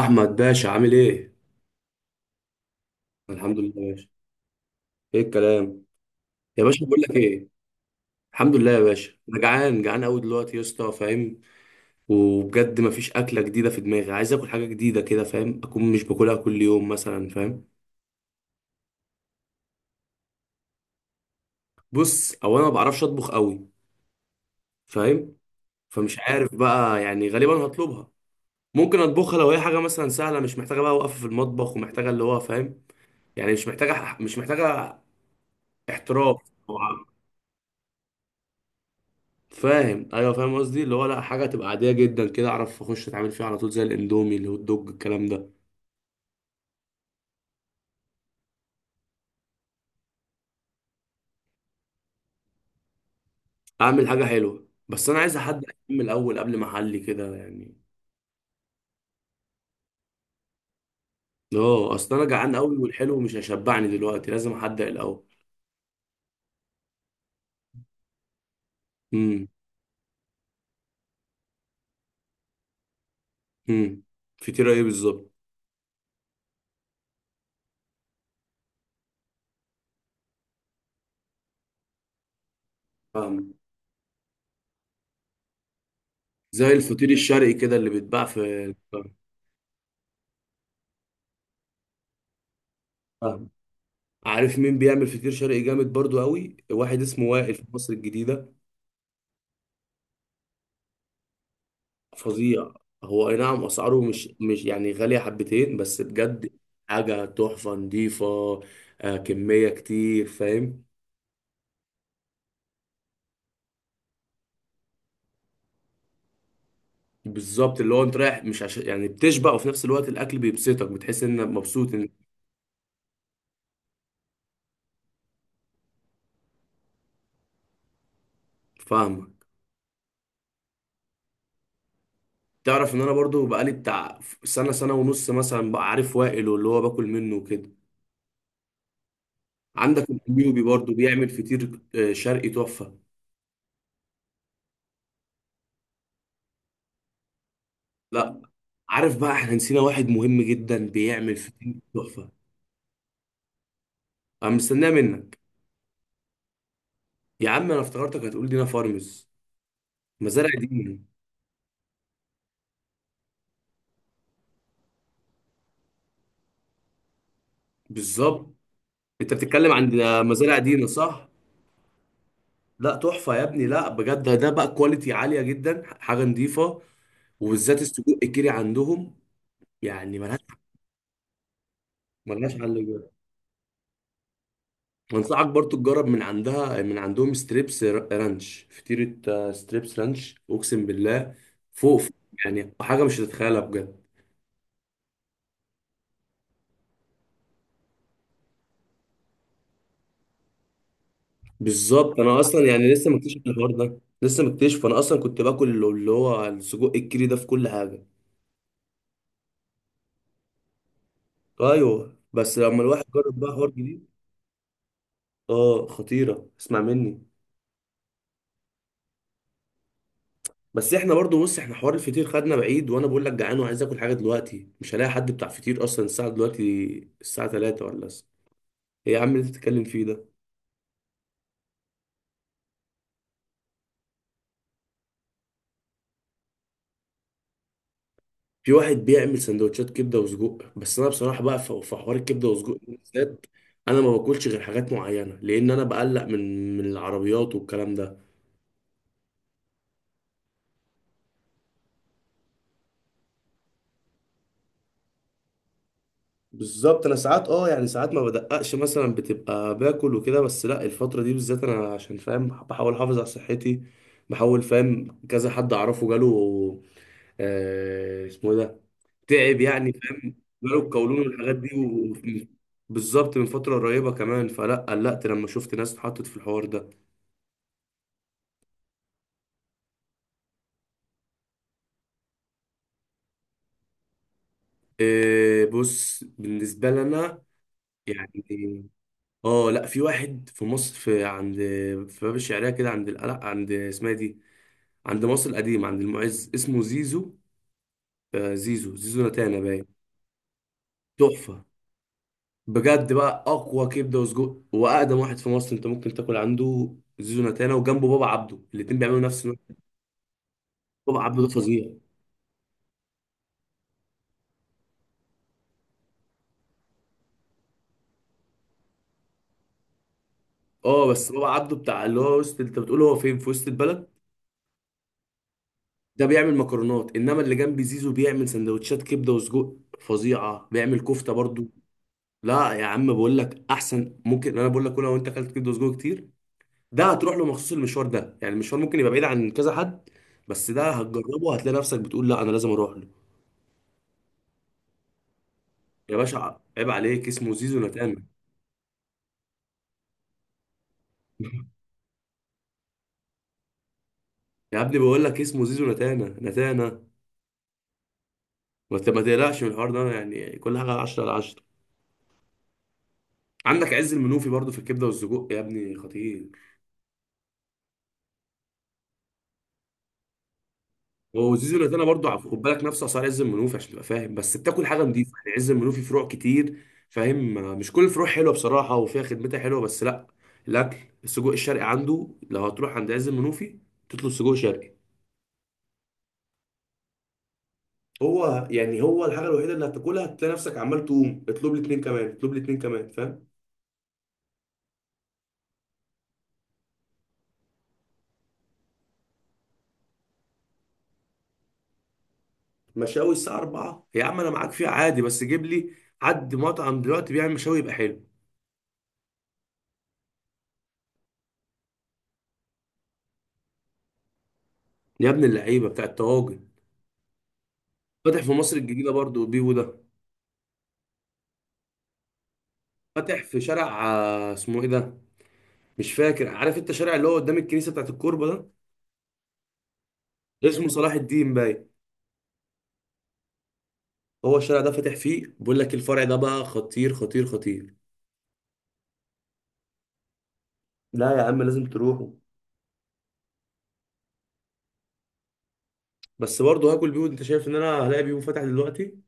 احمد باشا عامل ايه؟ الحمد لله يا باشا. ايه الكلام؟ يا باشا بقول لك ايه، الحمد لله يا باشا. انا جعان جعان قوي دلوقتي يا اسطى، فاهم؟ وبجد مفيش اكله جديده في دماغي، عايز اكل حاجه جديده كده، فاهم؟ اكون مش باكلها كل يوم مثلا، فاهم؟ بص، او انا ما بعرفش اطبخ قوي، فاهم؟ فمش عارف بقى، يعني غالبا هطلبها. ممكن اطبخها لو هي حاجه مثلا سهله، مش محتاجه بقى وقفه في المطبخ ومحتاجه اللي هو فاهم، يعني مش محتاجه احتراف. فاهم، ايوه، فاهم قصدي اللي هو لا، حاجه تبقى عاديه جدا كده، اعرف اخش اتعامل فيها على طول، زي الاندومي، الهوت دوج، الكلام ده. اعمل حاجه حلوه، بس انا عايز حد من الاول قبل ما احلي كده يعني. اه، اصل انا جعان قوي والحلو مش هيشبعني دلوقتي، لازم احدق الاول. امم. امم. فطيره ايه بالظبط؟ فاهم، زي الفطير الشرقي كده اللي بيتباع في. فاهم. عارف مين بيعمل فطير شرقي جامد برضو قوي؟ واحد اسمه وائل في مصر الجديده. فظيع. هو اي نعم اسعاره مش يعني غاليه حبتين، بس بجد حاجه تحفه نضيفه. آه، كميه كتير، فاهم. بالظبط، اللي هو انت رايح مش عشان يعني بتشبع، وفي نفس الوقت الاكل بيبسطك، بتحس انك مبسوط انك. فاهمك. تعرف ان انا برضو بقالي بتاع سنه سنه ونص مثلا بقى عارف وائل، واللي هو باكل منه وكده. عندك النيوبي برضو بيعمل فطير شرقي تحفه. لا. عارف بقى احنا نسينا واحد مهم جدا بيعمل فطير تحفه. انا مستناه منك. يا عم انا افتكرتك هتقول دينا فارمز، مزارع دينا. بالظبط. انت بتتكلم عن مزارع دينا صح؟ لا تحفه يا ابني، لا بجد، ده بقى كواليتي عاليه جدا، حاجه نظيفه. وبالذات السجق الكيري عندهم، يعني ملهاش. ملهاش حل بجد. وانصحك برضو تجرب من عندها، من عندهم، ستريبس رانش فطيره. ستريبس رانش، اقسم بالله فوق فوق. يعني حاجه مش هتتخيلها بجد. بالظبط، انا اصلا يعني لسه مكتشف الحوار ده، لسه مكتشف. انا اصلا كنت باكل اللي هو السجق الكيري ده في كل حاجه. ايوه، بس لما الواحد جرب بقى حوار جديد. اه خطيره، اسمع مني. بس احنا برضو، بص احنا حوار الفطير خدنا بعيد، وانا بقول لك جعان وعايز اكل حاجه دلوقتي، مش هلاقي حد بتاع فطير اصلا الساعه دلوقتي. الساعه 3 ولا الس- ايه يا عم اللي أنت بتتكلم فيه ده؟ في واحد بيعمل سندوتشات كبده وسجق، بس انا بصراحه بقى في حوار الكبده والسجق ده بالذات انا ما باكلش غير حاجات معينه، لان انا بقلق من العربيات والكلام ده. بالظبط، انا ساعات اه يعني ساعات ما بدققش مثلا، بتبقى باكل وكده، بس لا، الفتره دي بالذات انا عشان فاهم بحاول احافظ على صحتي. بحاول، فاهم، كذا حد اعرفه جاله آه، اسمه إيه ده، تعب يعني، فاهم. جاله القولون والحاجات دي بالظبط، من فتره قريبه كمان، فلا قلقت لما شفت ناس اتحطت في الحوار ده. إيه، بص بالنسبة لنا يعني، اه لا، في واحد في مصر، في عند، في باب الشعرية كده، عند القلق، عند اسمها إيه دي، عند مصر القديمة، عند المعز، اسمه زيزو. آه، زيزو، زيزو نتانا باين. تحفة، بجد بقى أقوى كبدة وسجق وأقدم واحد في مصر أنت ممكن تاكل عنده، زيزو نتانا. وجنبه بابا عبده، الاتنين بيعملوا نفس النوع. بابا عبده ده فظيع. اه، بس بابا عبده بتاع اللي هو وسط، انت بتقول هو فين في وسط البلد ده؟ بيعمل مكرونات، انما اللي جنب زيزو بيعمل سندوتشات كبده وسجق فظيعه، بيعمل كفته برضو. لا يا عم، بقول لك احسن، ممكن انا بقول لك كل، لو انت اكلت كبده وسجق كتير، ده هتروح له مخصوص، المشوار ده يعني المشوار ممكن يبقى بعيد عن كذا حد، بس ده هتجربه، هتلاقي نفسك بتقول لا، انا لازم اروح له. يا باشا عيب عليك، اسمه زيزو نتانا. يا ابني بقول لك اسمه زيزو نتانا، نتانا. ما تقلقش من الحوار ده، يعني كل حاجه 10 على 10. عندك عز المنوفي برضو في الكبده والسجق يا ابني، خطير. وزيزو اللي برضه خد بالك نفسه اسعار عز المنوفي، عشان تبقى فاهم، بس بتاكل حاجه نضيفه. يعني عز المنوفي فروع كتير، فاهم، مش كل الفروع حلوه بصراحه وفيها خدمتها حلوه، بس لا، الاكل، السجق الشرقي عنده، لو هتروح عند عز المنوفي تطلب سجق شرقي. هو الحاجه الوحيده اللي هتاكلها، هتلاقي نفسك عمال تقوم اطلب لي اتنين كمان، اطلب لي اتنين كمان، فاهم. مشاوي الساعه 4 يا عم، انا معاك فيها عادي، بس جيب لي حد مطعم دلوقتي بيعمل مشاوي يبقى حلو. يا ابن اللعيبه بتاع الطواجن. فاتح في مصر الجديده برضه بيبو ده. فاتح في شارع اسمه ايه ده، مش فاكر. عارف انت الشارع اللي هو قدام الكنيسه بتاعت الكوربه؟ ده اسمه صلاح الدين باين. هو الشارع ده فاتح فيه، بقول لك الفرع ده بقى خطير خطير خطير. لا يا عم، لازم تروحوا. بس برضه هاكل بيهو؟ انت شايف ان انا هلاقي بيهو فاتح دلوقتي؟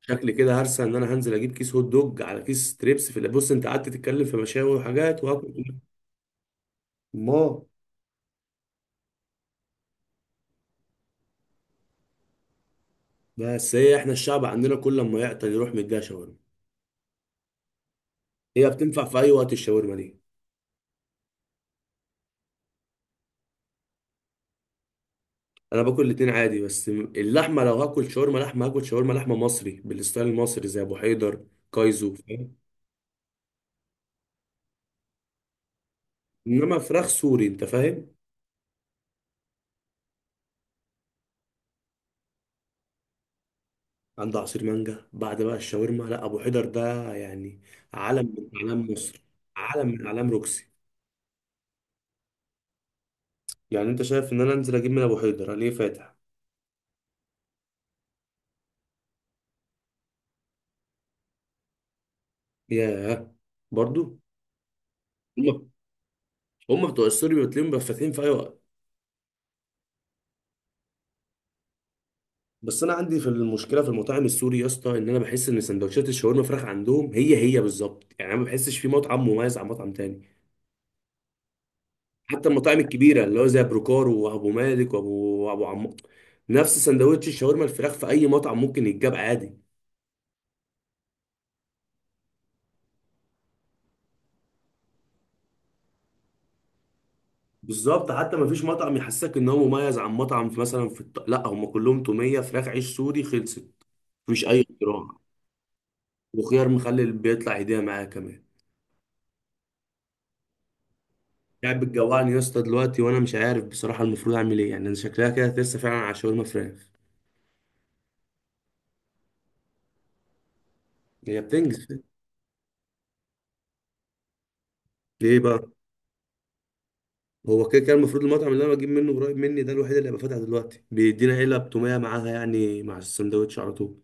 شكلي كده هرسى ان انا هنزل اجيب كيس هوت دوج على كيس تريبس في اللي-، بص انت قعدت تتكلم في مشاوي وحاجات وهاكل. ما. بس هي احنا الشعب عندنا، كل لما يعطل يروح مديها شاورما. هي بتنفع في اي وقت الشاورما دي. انا باكل الاتنين عادي، بس اللحمه لو هاكل شاورما لحمه، هاكل شاورما لحمه مصري بالستايل المصري زي ابو حيدر، كايزو، فاهم. انما فراخ سوري، انت فاهم. عند عصير مانجا بعد بقى الشاورما، لا ابو حيدر ده يعني علم من اعلام مصر، علم من اعلام روكسي. يعني انت شايف ان انا انزل اجيب من ابو حيدر؟ ليه فاتح؟ ياه. برضو هم هم بتوع السوري بتلاقيهم بقى فاتحين في اي وقت. بس انا عندي في المشكله في المطاعم السوري يا اسطى، ان انا بحس ان سندوتشات الشاورما فراخ عندهم هي هي بالظبط، يعني انا ما بحسش في مطعم مميز عن مطعم تاني. حتى المطاعم الكبيره اللي هو زي بروكار وابو مالك وابو عم، نفس سندوتش الشاورما الفراخ في اي مطعم ممكن يتجاب عادي. بالظبط، حتى ما فيش مطعم يحسسك ان هو مميز عن مطعم، في مثلا لا، هم كلهم توميه فراخ عيش سوري، خلصت. مفيش اي اختراع. وخيار مخلل بيطلع هديه معاه كمان. قاعد بتجوعني يا اسطى دلوقتي، وانا مش عارف بصراحه المفروض اعمل ايه. يعني انا شكلها كده لسه فعلا على شاورما فراخ. هي بتنجز. ليه بقى؟ هو كده كده المفروض المطعم اللي انا بجيب منه قريب مني ده الوحيد اللي هيبقى فاتح دلوقتي، بيدينا علب توميه معاها يعني مع السندوتش على طول.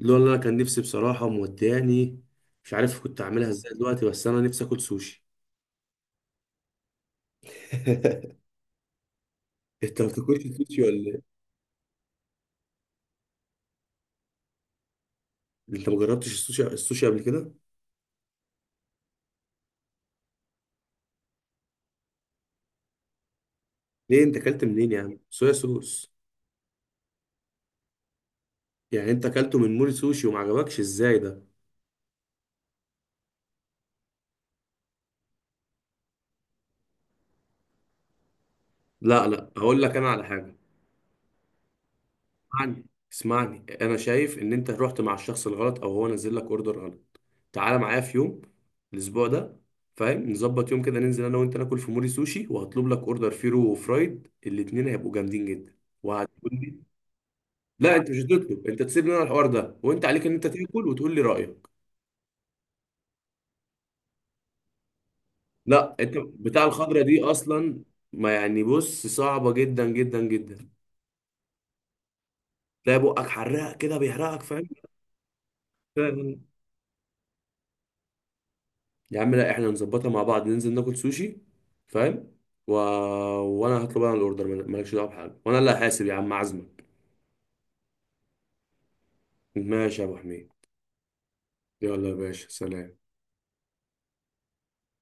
اللي هو، اللي انا كان نفسي بصراحه وموداني، مش عارف كنت اعملها ازاي دلوقتي، بس انا نفسي اكل سوشي. انت ما بتاكلش السوشي ولا ايه؟ انت ما جربتش السوشي، السوشي قبل كده؟ ليه، انت اكلت منين يا عم صويا صوص؟ يعني انت اكلته من مول سوشي وما عجبكش؟ ازاي ده! لا لا، هقول لك انا على حاجه. اسمعني، اسمعني، انا شايف ان انت رحت مع الشخص الغلط، او هو نزل لك اوردر غلط. تعالى معايا في يوم الاسبوع ده، فاهم، نظبط يوم كده ننزل انا وانت ناكل في موري سوشي، وهطلب لك اوردر فيرو وفرايد، الاتنين هيبقوا جامدين جدا. وهتقول لي، لا انت مش هتطلب، انت تسيب لنا الحوار ده، وانت عليك ان انت تاكل وتقول لي رايك. لا انت بتاع الخضره دي اصلا. ما يعني بص، صعبه جدا جدا جدا، تلاقي بقك حراق كده، بيحرقك. فاهم. يا عم لا، احنا نظبطها مع بعض ننزل ناكل سوشي، فاهم، و... وانا هطلب انا الاوردر، مالكش دعوه بحاجه، وانا اللي هحاسب، يا عم عزمك. ماشي يا ابو حميد. يلا يا باشا، سلام.